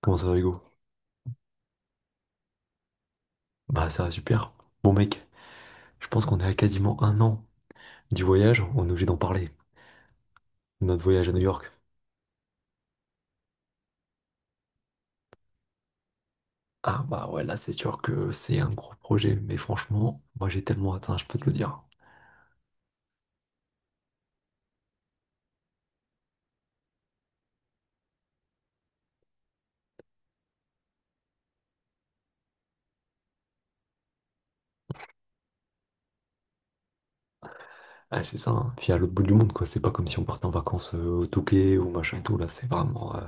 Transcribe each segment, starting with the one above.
Comment ça va, Hugo? Bah, ça va super. Bon, mec, je pense qu'on est à quasiment un an du voyage, on est obligé d'en parler. Notre voyage à New York. Ah, bah ouais, là, c'est sûr que c'est un gros projet, mais franchement, moi, j'ai tellement atteint, je peux te le dire. Ah, c'est ça, hein. Puis à l'autre bout du monde, quoi. C'est pas comme si on partait en vacances au Touquet ou machin et tout, là, c'est vraiment.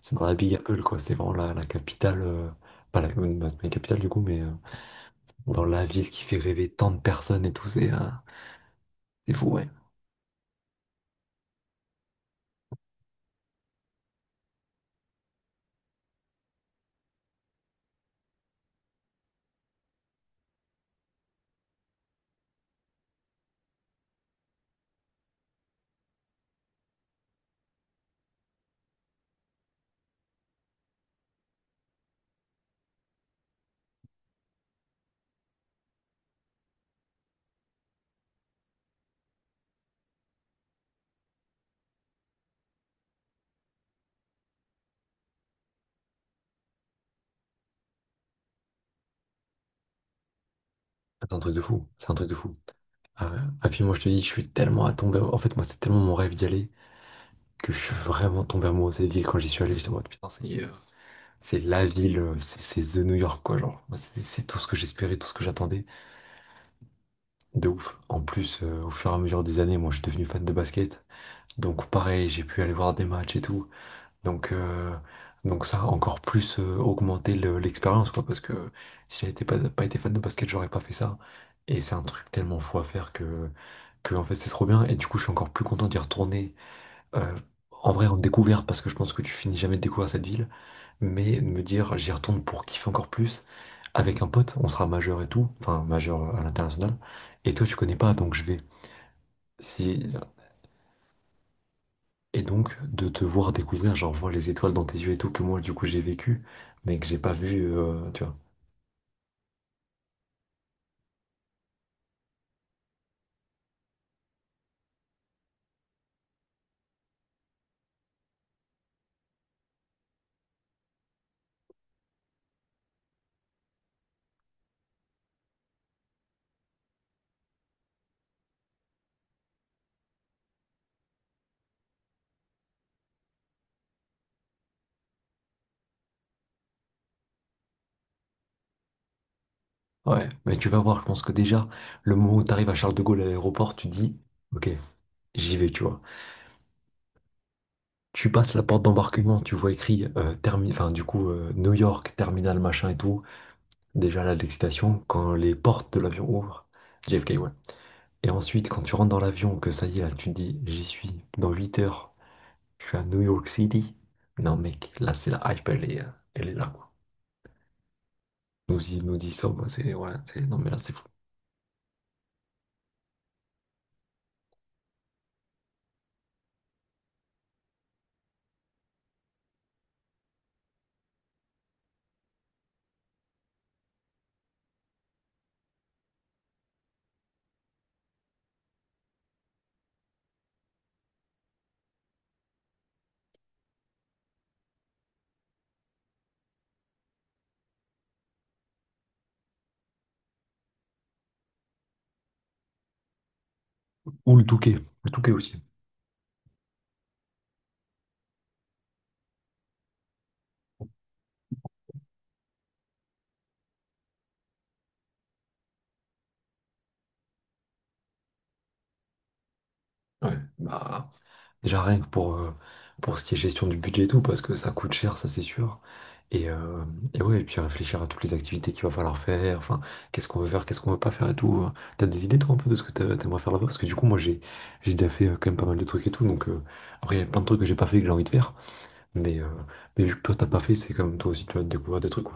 C'est dans la Big Apple, quoi. C'est vraiment la capitale. Pas la, bah, C'est pas la capitale, du coup, mais dans la ville qui fait rêver tant de personnes et tout, c'est fou, ouais. C'est un truc de fou, c'est un truc de fou. Ah, ouais. Puis moi je te dis, je suis tellement tombé. En fait, moi c'est tellement mon rêve d'y aller que je suis vraiment tombé amoureux de cette ville quand j'y suis allé. J'étais en mode putain, c'est la ville, c'est The New York quoi. Genre, moi, c'est tout ce que j'espérais, tout ce que j'attendais. De ouf. En plus, au fur et à mesure des années, moi je suis devenu fan de basket. Donc pareil, j'ai pu aller voir des matchs et tout. Donc, euh, donc ça a encore plus augmenté l'expérience, quoi, parce que si j'avais été pas, pas été fan de basket, j'aurais pas fait ça. Et c'est un truc tellement fou à faire que en fait, c'est trop bien. Et du coup, je suis encore plus content d'y retourner. euh, En vrai, en découverte, parce que je pense que tu finis jamais de découvrir cette ville, mais de me dire, j'y retourne pour kiffer encore plus. Avec un pote, on sera majeur et tout, enfin majeur à l'international. Et toi, tu connais pas, donc je vais. Si, et donc, de te voir découvrir, genre, voir les étoiles dans tes yeux et tout, que moi, du coup, j'ai vécu, mais que j'ai pas vu, tu vois. Ouais, mais tu vas voir, je pense que déjà, le moment où t'arrives à Charles de Gaulle à l'aéroport, tu dis, ok, j'y vais, tu vois. Tu passes la porte d'embarquement, tu vois écrit, New York, terminal, machin et tout. Déjà, là, de l'excitation, quand les portes de l'avion ouvrent, JFK, ouais. Et ensuite, quand tu rentres dans l'avion, que ça y est, là, tu te dis, j'y suis, dans 8 heures, je suis à New York City. Non, mec, là, c'est la hype, elle est là, quoi. Nous y sommes, non mais là c'est fou. Ou le Touquet aussi. Ouais, bah déjà rien que pour ce qui est gestion du budget et tout, parce que ça coûte cher, ça c'est sûr. Et, euh, et puis réfléchir à toutes les activités qu'il va falloir faire, enfin, qu'est-ce qu'on veut faire, qu'est-ce qu'on veut pas faire et tout, hein. T'as des idées toi un peu de ce que t'aimerais faire là-bas? Parce que du coup moi j'ai déjà fait quand même pas mal de trucs et tout, donc après il y a plein de trucs que j'ai pas fait que j'ai envie de faire, mais, euh, mais vu que toi t'as pas fait, c'est comme toi aussi tu vas découvrir des trucs.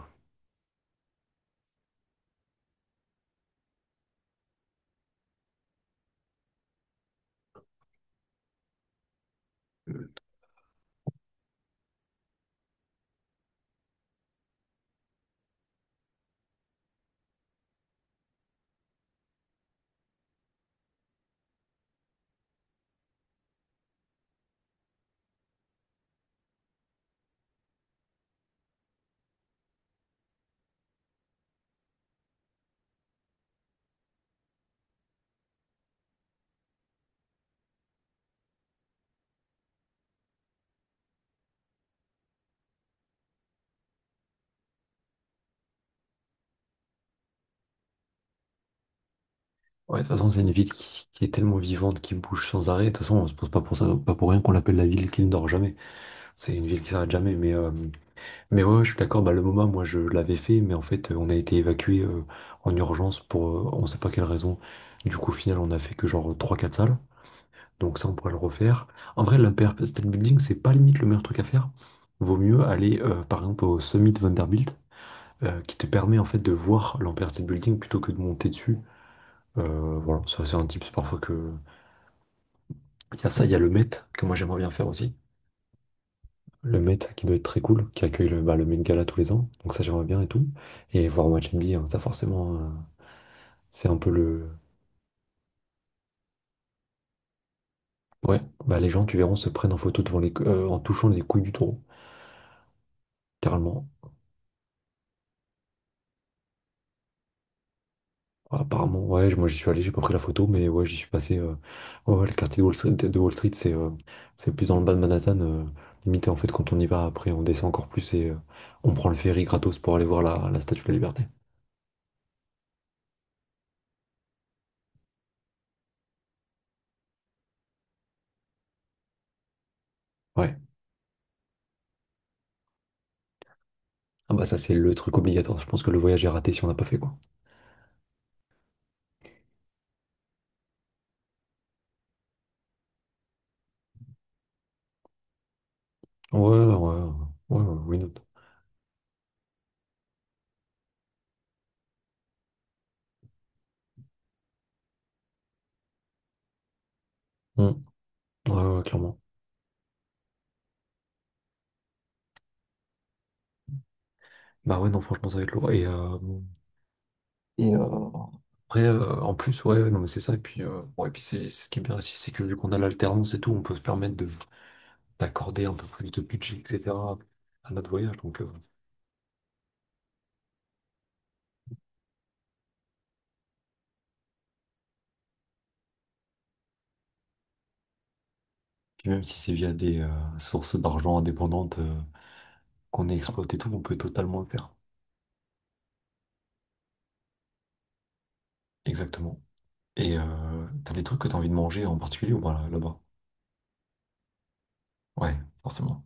Ouais, de toute façon, c'est une ville qui est tellement vivante, qui bouge sans arrêt. De toute façon, on se pose pas pour ça, pas pour rien qu'on l'appelle la ville qui ne dort jamais. C'est une ville qui s'arrête jamais. Mais ouais, ouais, je suis d'accord. Bah, le MoMA, moi, je l'avais fait, mais en fait, on a été évacué en urgence pour on sait pas quelle raison. Du coup, au final, on a fait que genre trois quatre salles. Donc, ça, on pourrait le refaire. En vrai, la PRP State Building, c'est pas limite le meilleur truc à faire. Vaut mieux aller, par exemple, au Summit Vanderbilt, qui te permet en fait de voir l'Empire State Building plutôt que de monter dessus. Voilà, ça c'est un tips parfois que, il y a ça, il y a le Met que moi j'aimerais bien faire aussi. Le Met qui doit être très cool, qui accueille le Met Gala tous les ans. Donc ça j'aimerais bien et tout. Et voir un match NBA, hein. Ça forcément, c'est un peu le... Ouais, bah, les gens, tu verras, se prennent en photo devant en touchant les couilles du taureau, littéralement. Apparemment, ouais, moi j'y suis allé, j'ai pas pris la photo, mais ouais, j'y suis passé. Ouais, ouais, le quartier de Wall Street, c'est plus dans le bas de Manhattan. Limité, en fait, quand on y va, après, on descend encore plus et on prend le ferry gratos pour aller voir la Statue de la Liberté. Ouais. Ah bah ça c'est le truc obligatoire. Je pense que le voyage est raté si on n'a pas fait quoi. Ouais, ouais, ouais, ouais, ouais, why not. Hmm. Ouais, ouais, clairement. Bah ouais, non, franchement, ça va être lourd. Et euh, En plus, ouais, ouais, non, mais c'est ça. Et puis c'est ce qui est bien aussi, c'est que vu qu'on a l'alternance et tout, on peut se permettre de d'accorder un peu plus de budget, etc. à notre voyage. Puis même si c'est via des sources d'argent indépendantes qu'on exploite et tout, on peut totalement le faire. Exactement. Et t'as des trucs que t'as envie de manger en particulier ou pas là-bas? Ouais, forcément.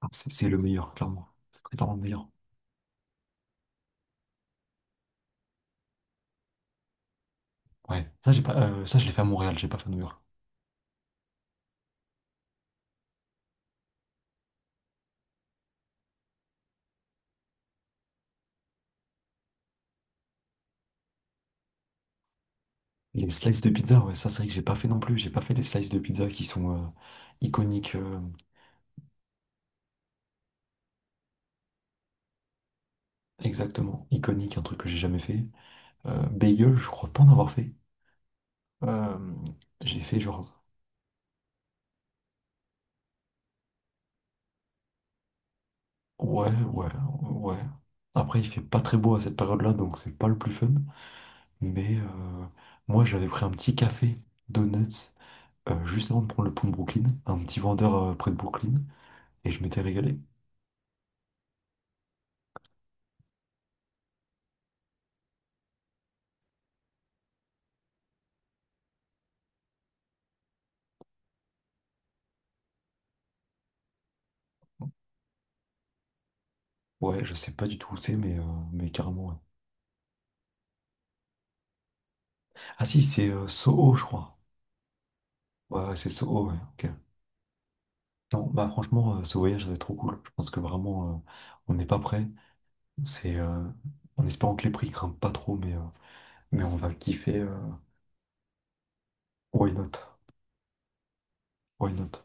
Ah, c'est le meilleur, clairement. C'est très clairement le meilleur. Ouais. Ça, j'ai pas, ça, je l'ai fait à Montréal, j'ai pas fait à New York. Les slices de pizza, ouais, ça, c'est vrai que j'ai pas fait non plus. J'ai pas fait les slices de pizza qui sont iconiques. Exactement, iconiques, un truc que j'ai jamais fait. Bagel, je crois pas en avoir fait. Euh, j'ai fait genre. Ouais, ouais, ouais. Après, il fait pas très beau à cette période-là, donc c'est pas le plus fun. Mais euh, Moi, j'avais pris un petit café, donuts, juste avant de prendre le pont de Brooklyn, un petit vendeur près de Brooklyn. Et je m'étais régalé. Ouais, je sais pas du tout où c'est, mais carrément, ouais. Ah si, c'est Soho, je crois. Ouais, ouais, c'est Soho, ouais, ok. Non, bah franchement, ce voyage, ça va être trop cool. Je pense que vraiment, on n'est pas prêt. C'est en espérant que les prix grimpent pas trop, mais on va kiffer. Why not? Why not?